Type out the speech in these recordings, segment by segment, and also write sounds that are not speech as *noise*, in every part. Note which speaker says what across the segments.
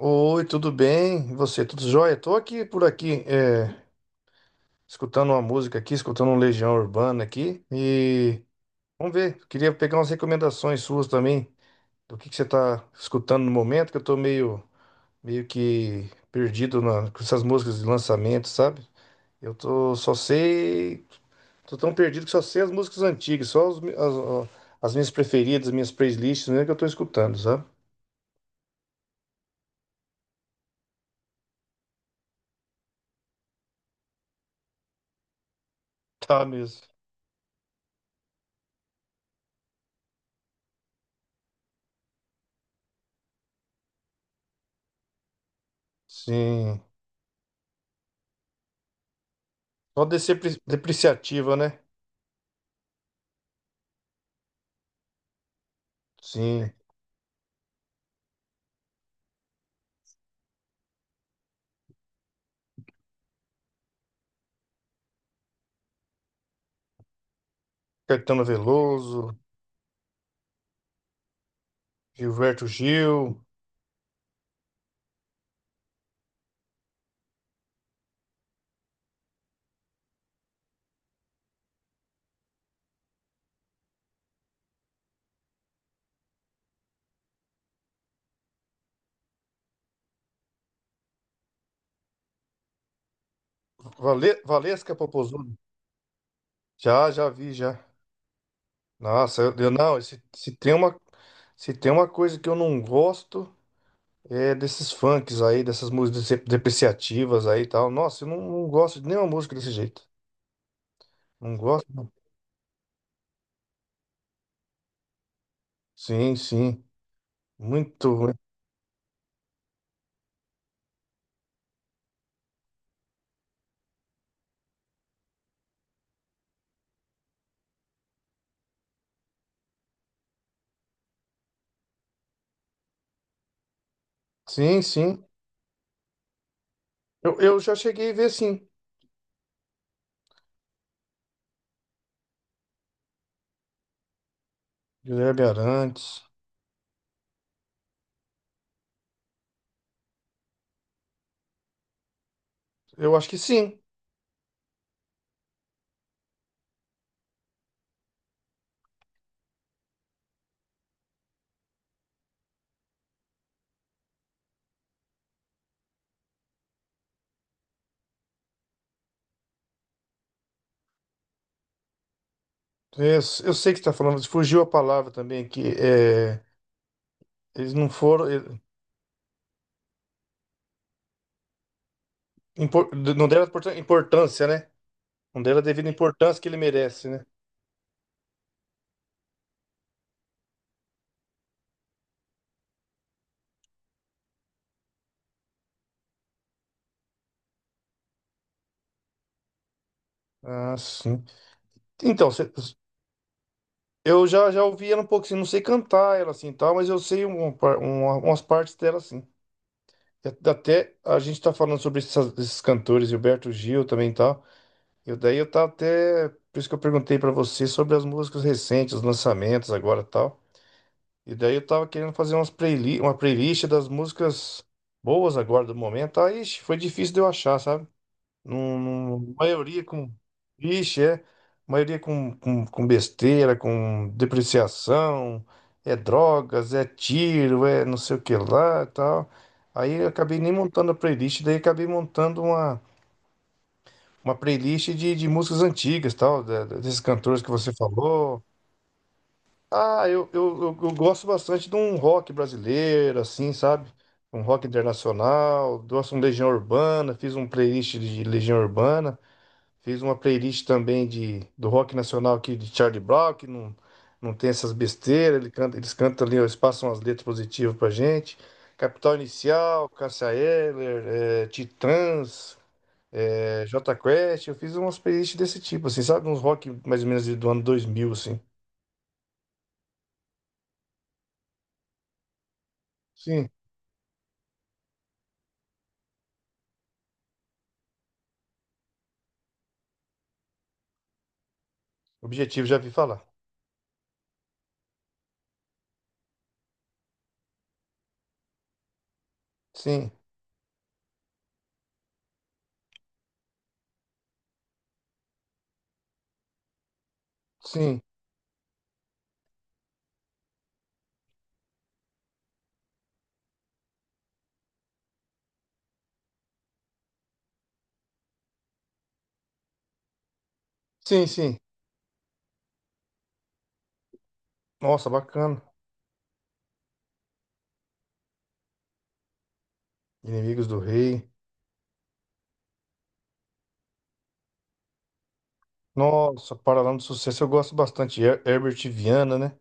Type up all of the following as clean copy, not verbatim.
Speaker 1: Oi, tudo bem? E você, tudo jóia? Tô aqui por aqui, escutando uma música aqui, escutando um Legião Urbana aqui. E vamos ver, queria pegar umas recomendações suas também, do que você tá escutando no momento, que eu tô meio que perdido com essas músicas de lançamento, sabe? Eu tô só sei, tô tão perdido que só sei as músicas antigas, só ó, as minhas preferidas, as minhas playlists mesmo que eu tô escutando, sabe? Tá mesmo. Sim. Só descer depreciativa, né? Sim. Caetano Veloso, Gilberto Gil, Valesca Popozuda. Já, já vi, já. Nossa, não, se tem uma, se tem uma coisa que eu não gosto é desses funks aí, dessas músicas depreciativas aí e tal. Nossa, eu não, não gosto de nenhuma música desse jeito. Não gosto. Sim, sim. Muito ruim. Sim, sim. Eu já cheguei a ver, sim. Guilherme Arantes. Eu acho que sim. É, Eu, eu sei que você está falando, fugiu a palavra também aqui. Eles não foram. Não deram a importância, né? Não deram a devida importância que ele merece, né? Ah, sim. Então, cê- eu já, já ouvi ela um pouco assim, não sei cantar ela assim e tal, mas eu sei umas partes dela assim. E até a gente tá falando sobre esses cantores, Gilberto Gil também e tal. Daí eu tava até. Por isso que eu perguntei pra você sobre as músicas recentes, os lançamentos agora e tal. E daí eu tava querendo fazer uma playlist das músicas boas agora do momento. Aí, ixi, foi difícil de eu achar, sabe? Num, maioria com. Vixe, é. Maioria com besteira, com depreciação, é drogas, é tiro, é não sei o que lá e tal. Aí eu acabei nem montando a playlist, daí acabei montando uma playlist de músicas antigas, tal, desses cantores que você falou. Ah, eu gosto bastante de um rock brasileiro, assim, sabe? Um rock internacional, gosto de um Legião Urbana, fiz um playlist de Legião Urbana. Fiz uma playlist também de, do rock nacional aqui de Charlie Brown, que não tem essas besteiras. Ele canta, eles cantam ali, eles passam as letras positivas pra gente. Capital Inicial, Cássia Eller, Titãs, Jota Quest. Eu fiz umas playlists desse tipo, assim, sabe? Uns rock mais ou menos do ano 2000, assim. Sim, objetivo já vi falar. Sim, sim, sim, sim. Nossa, bacana. Inimigos do Rei. Nossa, Paralama do Sucesso, eu gosto bastante. Herbert Viana, né?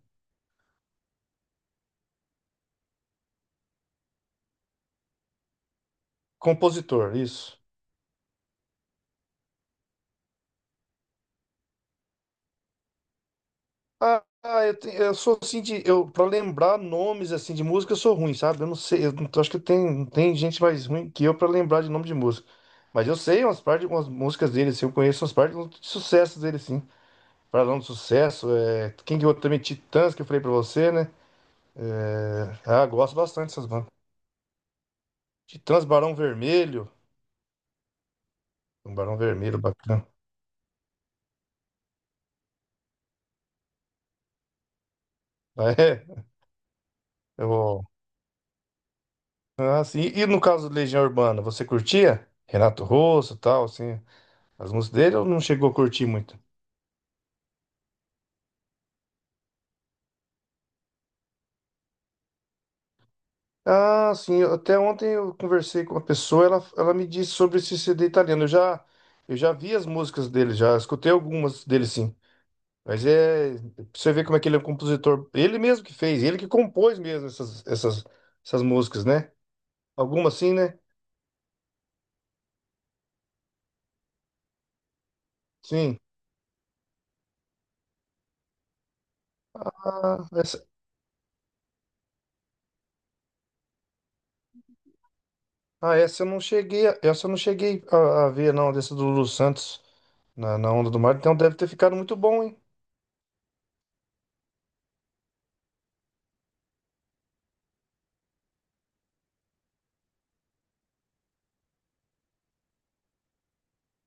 Speaker 1: Compositor, isso. Eu, eu sou assim de. Eu, pra lembrar nomes assim de música, eu sou ruim, sabe? Eu não sei. Eu não- acho que tem, tem gente mais ruim que eu pra lembrar de nome de música. Mas eu sei umas partes, umas músicas dele, assim, eu conheço umas partes de sucessos dele, sim. Paralão do Sucesso, é, quem que eu também, Titãs, que eu falei pra você, né? É, ah, gosto bastante dessas bandas. Titãs, Barão Vermelho. Um Barão Vermelho, bacana. *laughs* Ah, é, eu, ah, sim. E no caso do Legião Urbana, você curtia? Renato Russo e tal, assim. As músicas dele eu não chegou a curtir muito. Ah, sim, até ontem eu conversei com uma pessoa, ela me disse sobre esse CD italiano. Eu já vi as músicas dele, já escutei algumas dele sim. Mas é, pra você ver como é que ele é um compositor. Ele mesmo que fez, ele que compôs mesmo essas músicas, né? Algumas sim, né? Sim. Ah, essa, ah, essa eu não cheguei, essa eu não cheguei a ver, não, dessa do Lulu Santos na Onda do Mar. Então deve ter ficado muito bom, hein?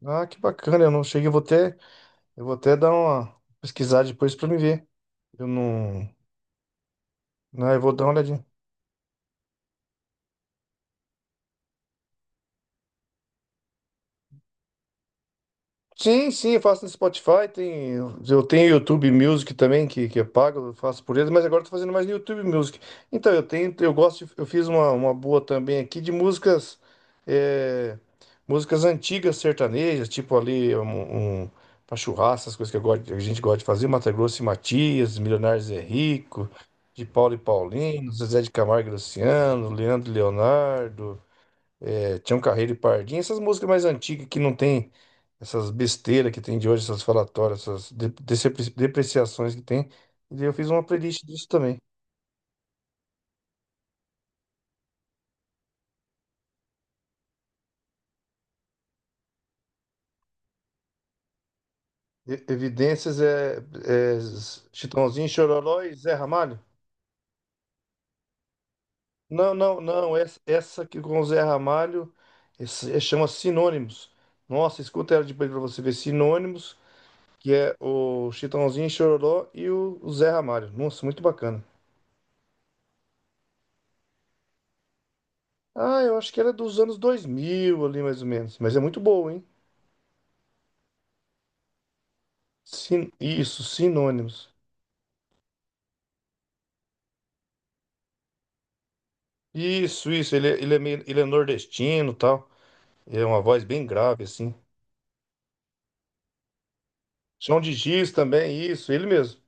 Speaker 1: Ah, que bacana, eu não cheguei, eu vou até. Eu vou até dar uma pesquisada depois pra me ver. Eu não. Não, eu vou dar uma olhadinha. Sim, sim, eu faço no Spotify, tem, eu tenho YouTube Music também, que é pago, eu faço por eles, mas agora eu tô fazendo mais no YouTube Music. Então, eu tenho, eu gosto, eu fiz uma boa também aqui de músicas, é, músicas antigas sertanejas, tipo ali, um, pra churrasco, essas coisas que eu gosto, a gente gosta de fazer, Mato Grosso e Matias, Milionários é Rico, de Paulo e Paulinho, Zezé de Camargo e Luciano, Leandro e Leonardo, tinha um Carreiro e Pardinho, essas músicas mais antigas que não tem essas besteiras que tem de hoje, essas falatórias, essas depreciações que tem. E daí eu fiz uma playlist disso também. Evidências é, é Chitãozinho, Chororó e Zé Ramalho? Não, não, não. Essa aqui com o Zé Ramalho chama Sinônimos. Nossa, escuta ela depois pra você ver. Sinônimos, que é o Chitãozinho, Chororó e o Zé Ramalho. Nossa, muito bacana. Ah, eu acho que ela é dos anos 2000 ali, mais ou menos. Mas é muito boa, hein? Isso, Sinônimos. Isso, isso. Ele, é meio, ele é nordestino e tal. É uma voz bem grave, assim. Chão de Giz também, isso, ele mesmo.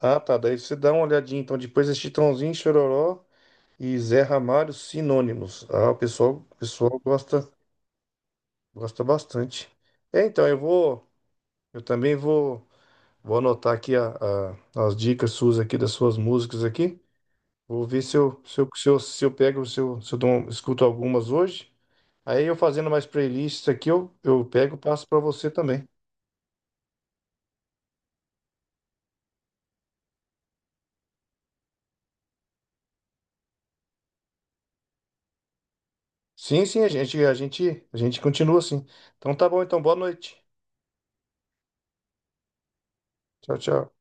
Speaker 1: Ah, tá. Daí você dá uma olhadinha. Então, depois é Chitãozinho, Chororó e Zé Ramalho, Sinônimos. Ah, o pessoal gosta, gosta bastante. É, então, eu vou... Eu também vou, vou anotar aqui as dicas suas aqui, das suas músicas aqui. Vou ver se se eu pego, se eu dou escuto algumas hoje. Aí eu fazendo mais playlists aqui, eu pego e passo para você também. Sim, sim, a gente continua assim. Então tá bom, então boa noite. Tchau, tchau.